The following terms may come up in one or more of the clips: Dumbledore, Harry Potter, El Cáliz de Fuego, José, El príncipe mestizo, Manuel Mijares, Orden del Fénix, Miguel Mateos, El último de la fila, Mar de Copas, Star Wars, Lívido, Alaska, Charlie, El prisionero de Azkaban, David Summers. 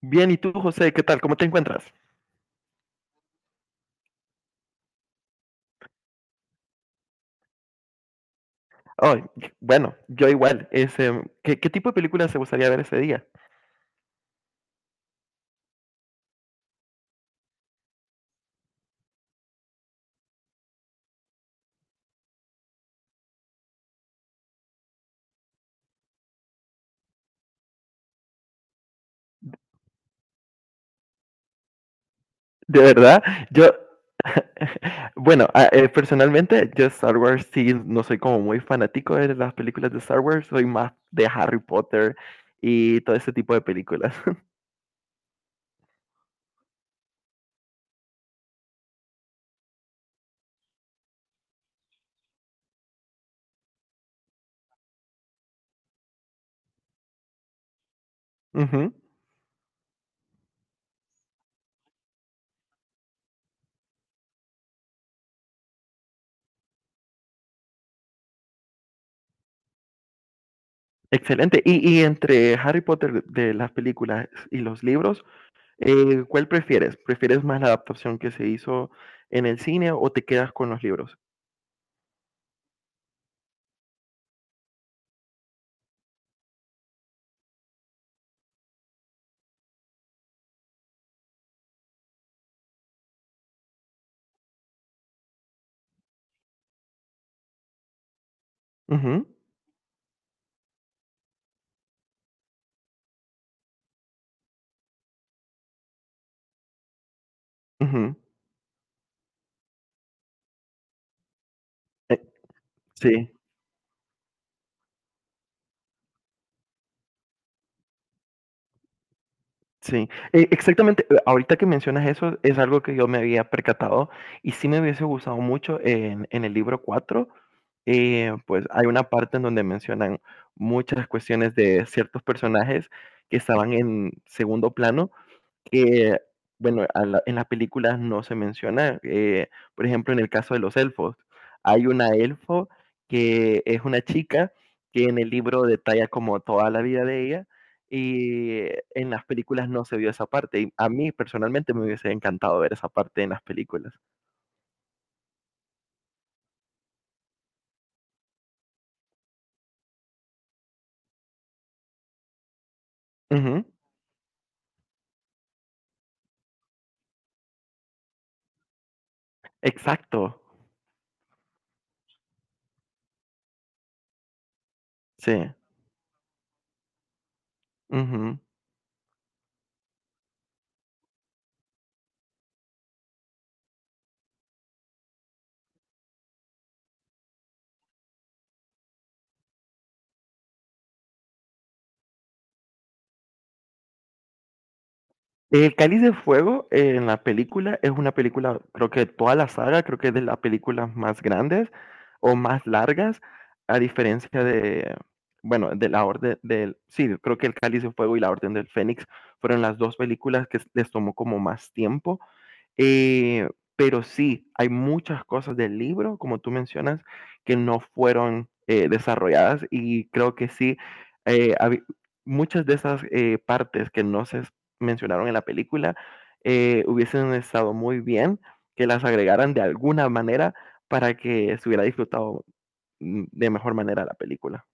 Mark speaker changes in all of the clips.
Speaker 1: Bien, ¿y tú, José? ¿Qué tal? ¿Cómo te encuentras? Ay, bueno, yo igual. ¿Qué tipo de películas te gustaría ver ese día? De verdad, yo, bueno, personalmente, yo Star Wars sí, no soy como muy fanático de las películas de Star Wars, soy más de Harry Potter y todo ese tipo de películas. Ujú. Excelente. Y entre Harry Potter de las películas y los libros, ¿cuál prefieres? ¿Prefieres más la adaptación que se hizo en el cine o te quedas con los libros? Ujú. eh, sí, sí. Exactamente, ahorita que mencionas eso, es algo que yo me había percatado y sí me hubiese gustado mucho en el libro 4. Pues, hay una parte en donde mencionan muchas cuestiones de ciertos personajes que estaban en segundo plano, que, bueno, en las películas no se menciona. Por ejemplo, en el caso de los elfos, hay una elfo que es una chica que en el libro detalla como toda la vida de ella y en las películas no se vio esa parte. Y a mí personalmente me hubiese encantado ver esa parte en las películas. Ujú. Exacto, sí. Ujú. El Cáliz de Fuego en la película es una película, creo que de toda la saga, creo que es de las películas más grandes o más largas, a diferencia de, bueno, de la Orden del, sí, creo que el Cáliz de Fuego y la Orden del Fénix fueron las dos películas que les tomó como más tiempo. eh, pero sí, hay muchas cosas del libro, como tú mencionas, que no fueron, desarrolladas, y creo que sí, habi muchas de esas, partes que no se mencionaron en la película, hubiesen estado muy bien que las agregaran de alguna manera para que se hubiera disfrutado, de mejor manera la película.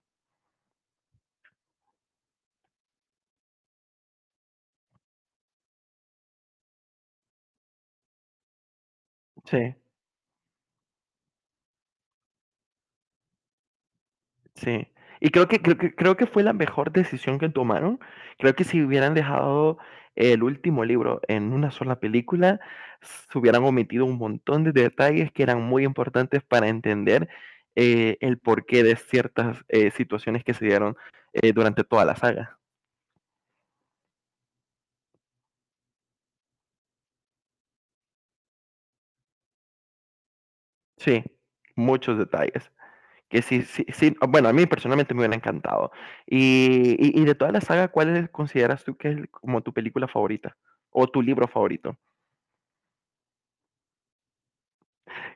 Speaker 1: Sí. Sí. Y creo que fue la mejor decisión que tomaron. Creo que si hubieran dejado el último libro en una sola película, se hubieran omitido un montón de detalles que eran muy importantes para entender el porqué de ciertas situaciones que se dieron durante toda la saga. Sí, muchos detalles. Que sí, sí, sí, ah, bueno, a mí personalmente me hubiera encantado. Y de toda la saga, ¿cuál es- consideras tú que es como tu película favorita o tu libro favorito?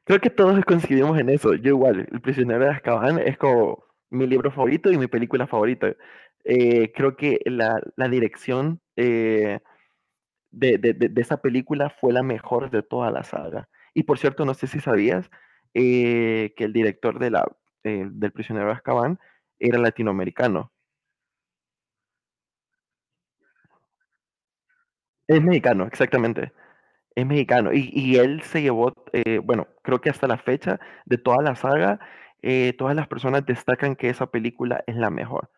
Speaker 1: Creo que todos coincidimos en eso. Yo igual, El prisionero de Azkaban es como mi libro favorito y mi película favorita. Creo que la dirección de esa película fue la mejor de toda la saga. Y por cierto, no sé si sabías que el director de la, del prisionero de Azkaban era latinoamericano. Es mexicano, exactamente. Es mexicano. Y él se llevó, bueno, creo que hasta la fecha de toda la saga, todas las personas destacan que esa película es la mejor.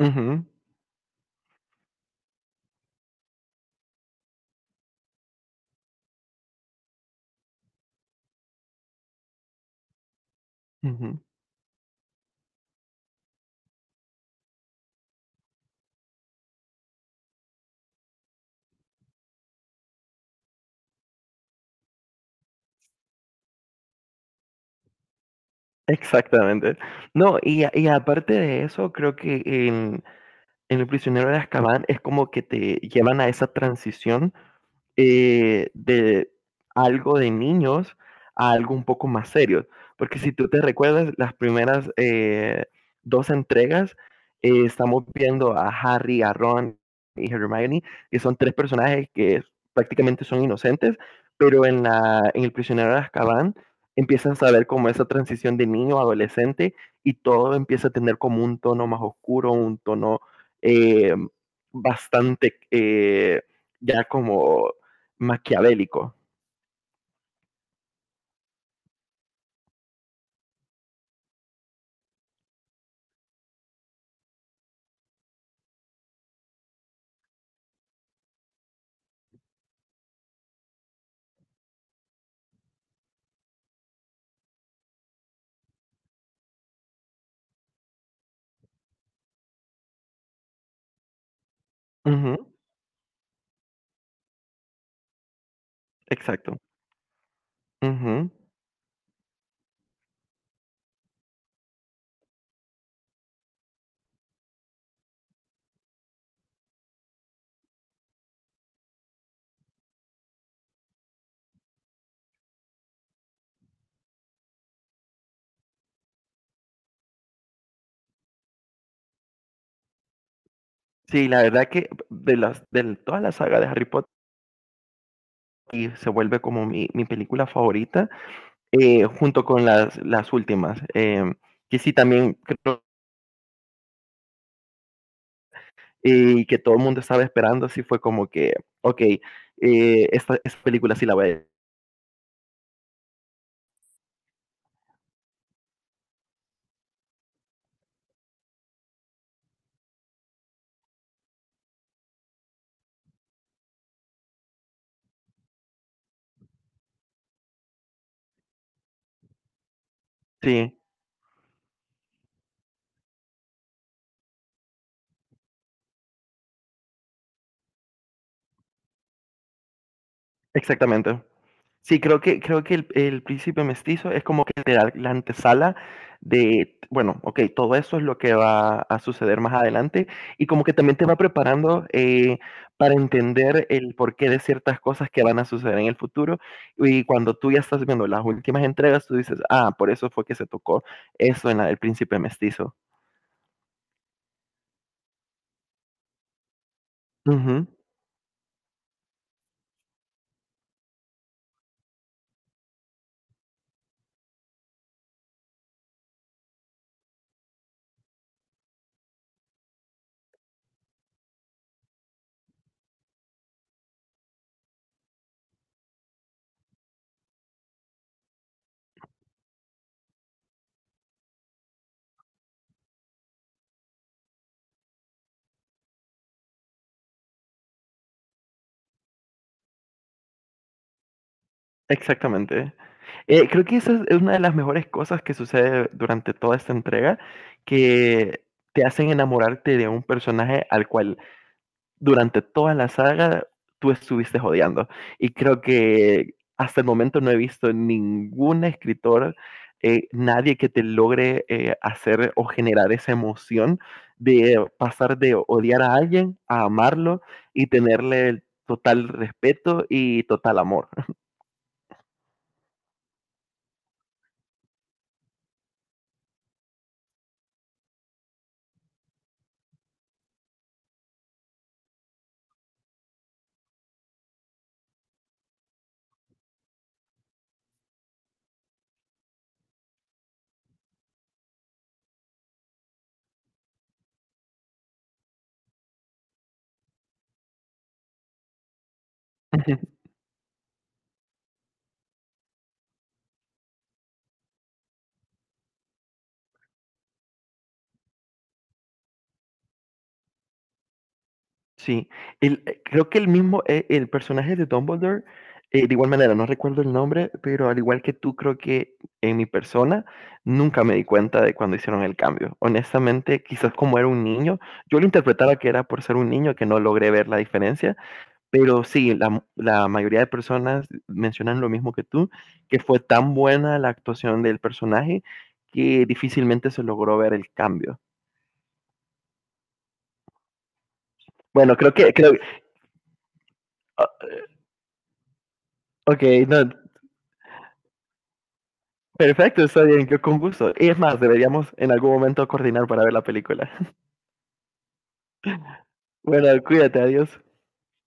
Speaker 1: Ujú, ujú. Exactamente. No, y aparte de eso, creo que en El prisionero de Azkaban es como que te llevan a esa transición de algo de niños a algo un poco más serio. Porque si tú te recuerdas, las primeras dos entregas estamos viendo a Harry, a Ron y Hermione, que son tres personajes que prácticamente son inocentes, pero en El prisionero de Azkaban empiezan a ver como esa transición de niño a adolescente y todo empieza a tener como un tono más oscuro, un tono eh, bastante, ya como maquiavélico. Ujú, exacto. Ujú. Sí, la verdad que de las de toda la saga de Harry Potter y se vuelve como mi película favorita, junto con las últimas, que sí también creo, que todo el mundo estaba esperando, sí fue como que, okey, esta película sí la voy a ver. Sí, exactamente. Sí, creo que el príncipe mestizo es como que te da la antesala de, bueno, ok, todo eso es lo que va a suceder más adelante y como que también te va preparando para entender el porqué de ciertas cosas que van a suceder en el futuro y cuando tú ya estás viendo las últimas entregas, tú dices, ah, por eso fue que se tocó eso en la del príncipe mestizo. Ujú. Exactamente. Creo que esa es una de las mejores cosas que sucede durante toda esta entrega, que te hacen enamorarte de un personaje al cual durante toda la saga tú estuviste odiando. Y creo que hasta el momento no he visto ningún escritor, nadie que te logre hacer o generar esa emoción de pasar de odiar a alguien a amarlo y tenerle el total respeto y total amor. Sí, el, creo que el mismo, el personaje de Dumbledore, de igual manera, no recuerdo el nombre, pero al igual que tú, creo que en mi persona nunca me di cuenta de cuando hicieron el cambio. Honestamente, quizás como era un niño, yo lo interpretaba que era por ser un niño que no logré ver la diferencia, pero sí, la mayoría de personas mencionan lo mismo que tú, que fue tan buena la actuación del personaje que difícilmente se logró ver el cambio. Bueno, creo que, creo, o- ok, no, perfecto, está bien, yo con gusto. Y es más, deberíamos en algún momento coordinar para ver la película. Bueno, cuídate, adiós.